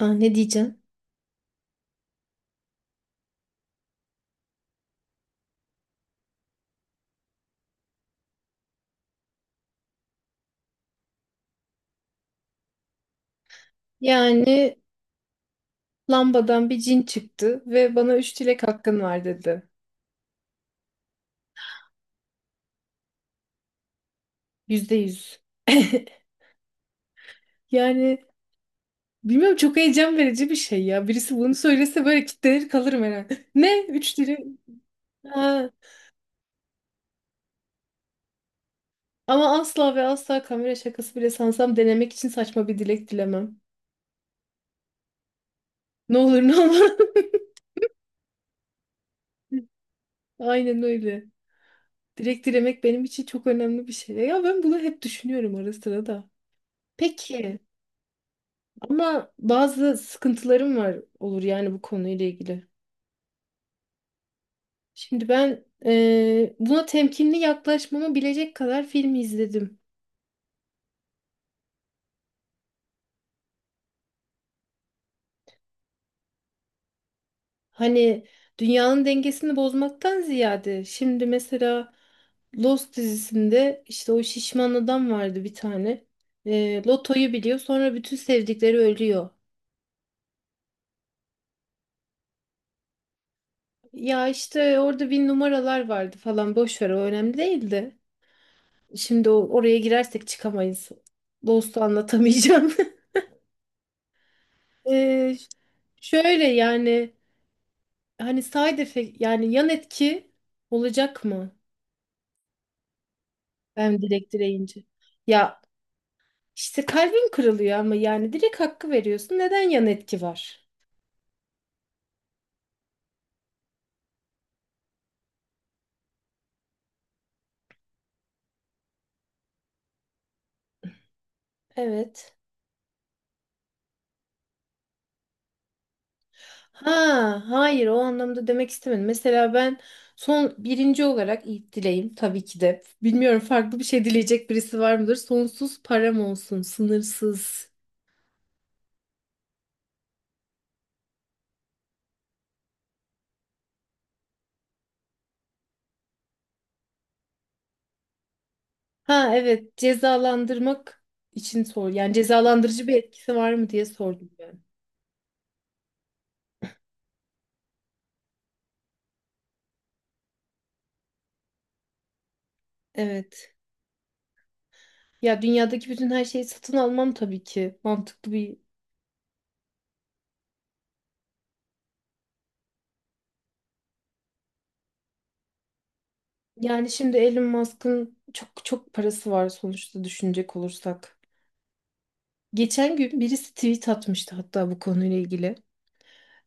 Aa, ne diyeceksin? Yani lambadan bir cin çıktı ve bana üç dilek hakkın var dedi. Yüzde yüz. Yani bilmiyorum, çok heyecan verici bir şey ya. Birisi bunu söylese böyle kitlenir kalırım herhalde. Ne? Üç dilek. Ha. Ama asla ve asla kamera şakası bile sansam denemek için saçma bir dilek dilemem. Ne olur ne olmaz. Aynen öyle. Dilek dilemek benim için çok önemli bir şey. Ya ben bunu hep düşünüyorum ara sıra da. Peki. Ama bazı sıkıntılarım var olur yani bu konuyla ilgili. Şimdi ben buna temkinli yaklaşmamı bilecek kadar film izledim. Hani dünyanın dengesini bozmaktan ziyade şimdi mesela Lost dizisinde işte o şişman adam vardı bir tane. Lotoyu biliyor, sonra bütün sevdikleri ölüyor. Ya işte orada bir numaralar vardı falan, boş ver, o önemli değildi. Şimdi oraya girersek çıkamayız. Lost'u anlatamayacağım. Ee, şöyle yani hani side effect, yani yan etki olacak mı? Ben direkt direyince. Ya işte kalbin kırılıyor ama yani direkt hakkı veriyorsun. Neden yan etki var? Evet. Ha, hayır, o anlamda demek istemedim. Mesela ben son birinci olarak ilk dileğim tabii ki de. Bilmiyorum, farklı bir şey dileyecek birisi var mıdır? Sonsuz param olsun, sınırsız. Ha evet, cezalandırmak için sor. Yani cezalandırıcı bir etkisi var mı diye sordum ben. Evet. Ya dünyadaki bütün her şeyi satın almam tabii ki. Mantıklı bir yani şimdi Elon Musk'ın çok çok parası var sonuçta, düşünecek olursak. Geçen gün birisi tweet atmıştı hatta bu konuyla ilgili.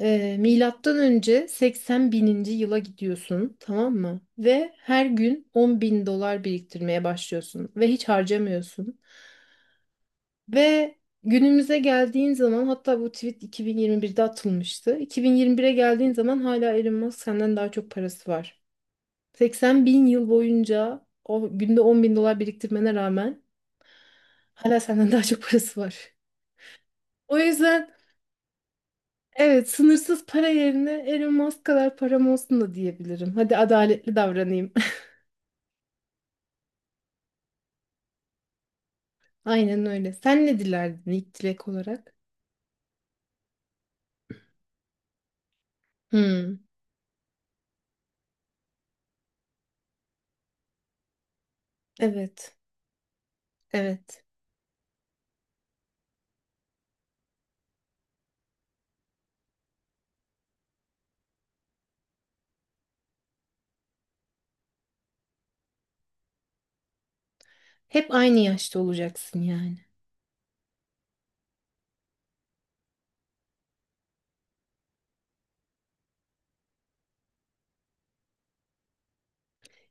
Milattan önce 80 bininci yıla gidiyorsun, tamam mı? Ve her gün 10 bin dolar biriktirmeye başlıyorsun ve hiç harcamıyorsun. Ve günümüze geldiğin zaman, hatta bu tweet 2021'de atılmıştı, 2021'e geldiğin zaman hala Elon Musk senden daha çok parası var. 80 bin yıl boyunca o günde 10 bin dolar biriktirmene rağmen hala senden daha çok parası var. O yüzden evet, sınırsız para yerine Elon Musk kadar param olsun da diyebilirim. Hadi adaletli davranayım. Aynen öyle. Sen ne dilerdin ilk dilek olarak? Hmm, evet, evet. Hep aynı yaşta olacaksın yani.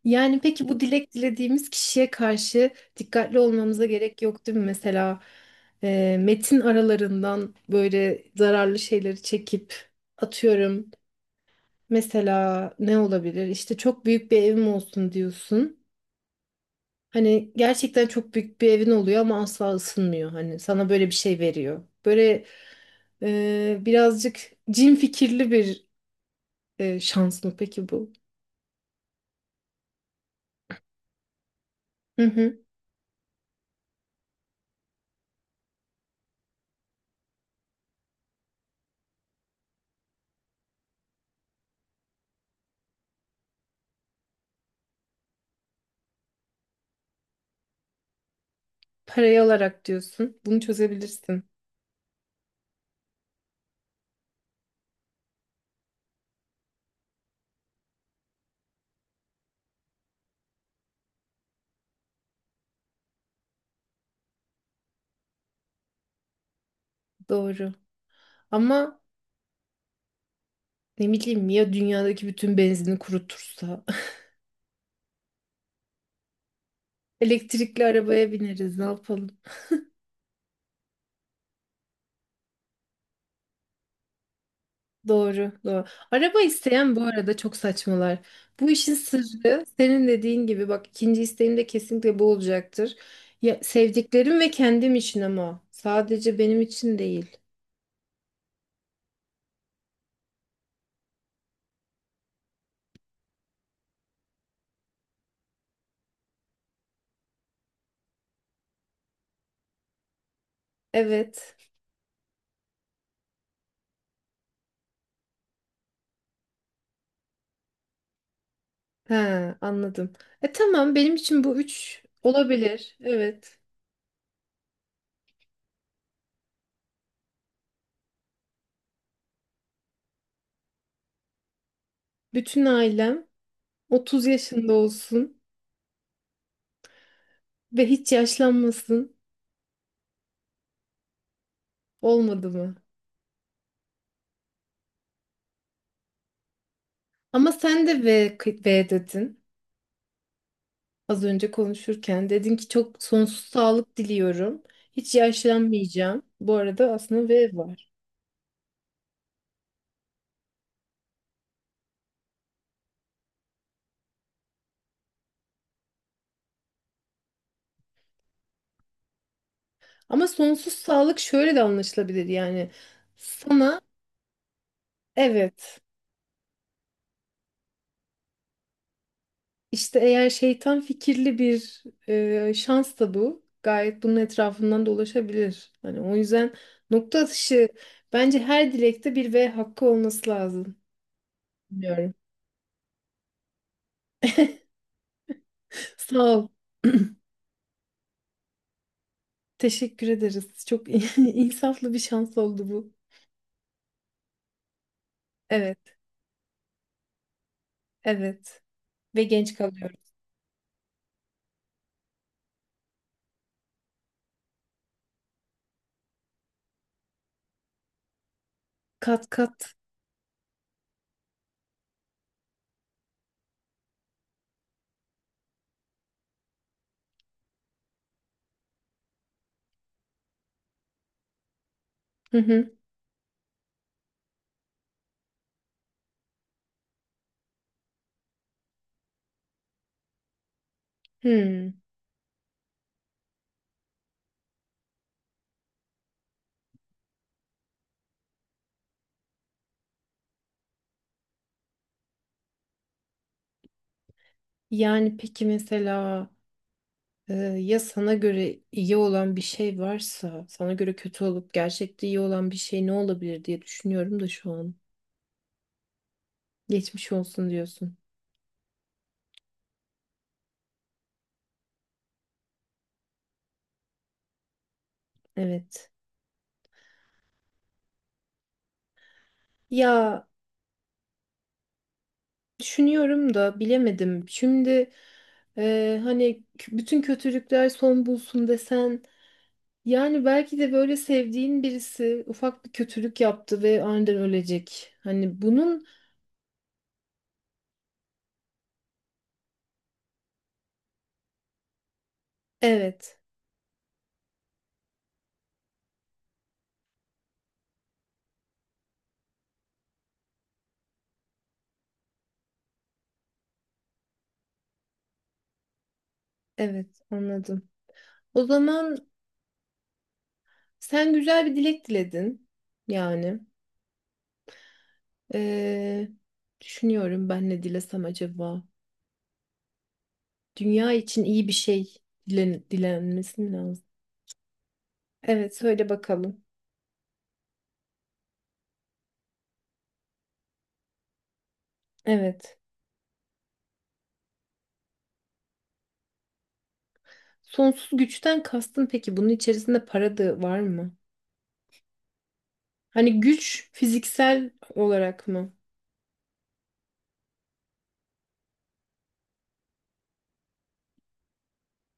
Yani peki bu dilek dilediğimiz kişiye karşı dikkatli olmamıza gerek yok değil mi? Mesela metin aralarından böyle zararlı şeyleri çekip atıyorum. Mesela ne olabilir? İşte çok büyük bir evim olsun diyorsun. Hani gerçekten çok büyük bir evin oluyor ama asla ısınmıyor. Hani sana böyle bir şey veriyor. Böyle birazcık cin fikirli bir şans mı peki bu? Hı hı. Parayı alarak diyorsun. Bunu çözebilirsin. Doğru. Ama ne bileyim ya, dünyadaki bütün benzini kurutursa. Elektrikli arabaya bineriz, ne yapalım. Doğru, doğru. Araba isteyen bu arada çok saçmalar. Bu işin sırrı senin dediğin gibi, bak ikinci isteğim de kesinlikle bu olacaktır. Ya, sevdiklerim ve kendim için, ama sadece benim için değil. Evet. He, anladım. E tamam, benim için bu üç olabilir. Evet. Bütün ailem 30 yaşında olsun ve hiç yaşlanmasın. Olmadı mı? Ama sen de V, V dedin. Az önce konuşurken dedin ki çok sonsuz sağlık diliyorum. Hiç yaşlanmayacağım. Bu arada aslında V var. Ama sonsuz sağlık şöyle de anlaşılabilir yani. Sana evet, işte eğer şeytan fikirli bir şans da bu. Gayet bunun etrafından dolaşabilir. Hani o yüzden nokta atışı, bence her dilekte bir V hakkı olması lazım. Bilmiyorum. Sağ ol. Teşekkür ederiz. Çok insaflı bir şans oldu bu. Evet, evet. Ve genç kalıyoruz. Kat kat. Hı hı. Hmm. Yani peki mesela ya sana göre iyi olan bir şey varsa, sana göre kötü olup gerçekte iyi olan bir şey ne olabilir diye düşünüyorum da şu an. Geçmiş olsun diyorsun. Evet. Ya düşünüyorum da bilemedim. Şimdi hani bütün kötülükler son bulsun desen, yani belki de böyle sevdiğin birisi ufak bir kötülük yaptı ve aniden ölecek. Hani bunun evet, evet anladım. O zaman sen güzel bir dilek diledin. Yani Ee, düşünüyorum ben ne dilesem acaba. Dünya için iyi bir şey dilen dilenmesi mi lazım? Evet söyle bakalım. Evet. Sonsuz güçten kastın peki, bunun içerisinde para da var mı? Hani güç fiziksel olarak mı?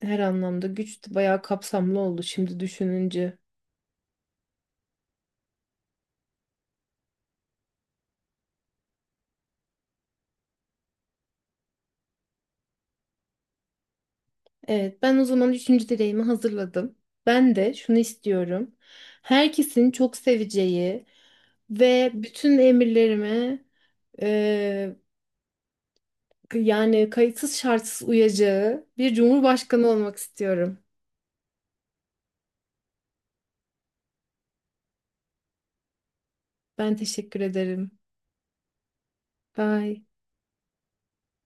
Her anlamda güç de bayağı kapsamlı oldu şimdi düşününce. Evet, ben o zaman üçüncü dileğimi hazırladım. Ben de şunu istiyorum. Herkesin çok seveceği ve bütün emirlerime eee, yani kayıtsız şartsız uyacağı bir cumhurbaşkanı olmak istiyorum. Ben teşekkür ederim. Bye.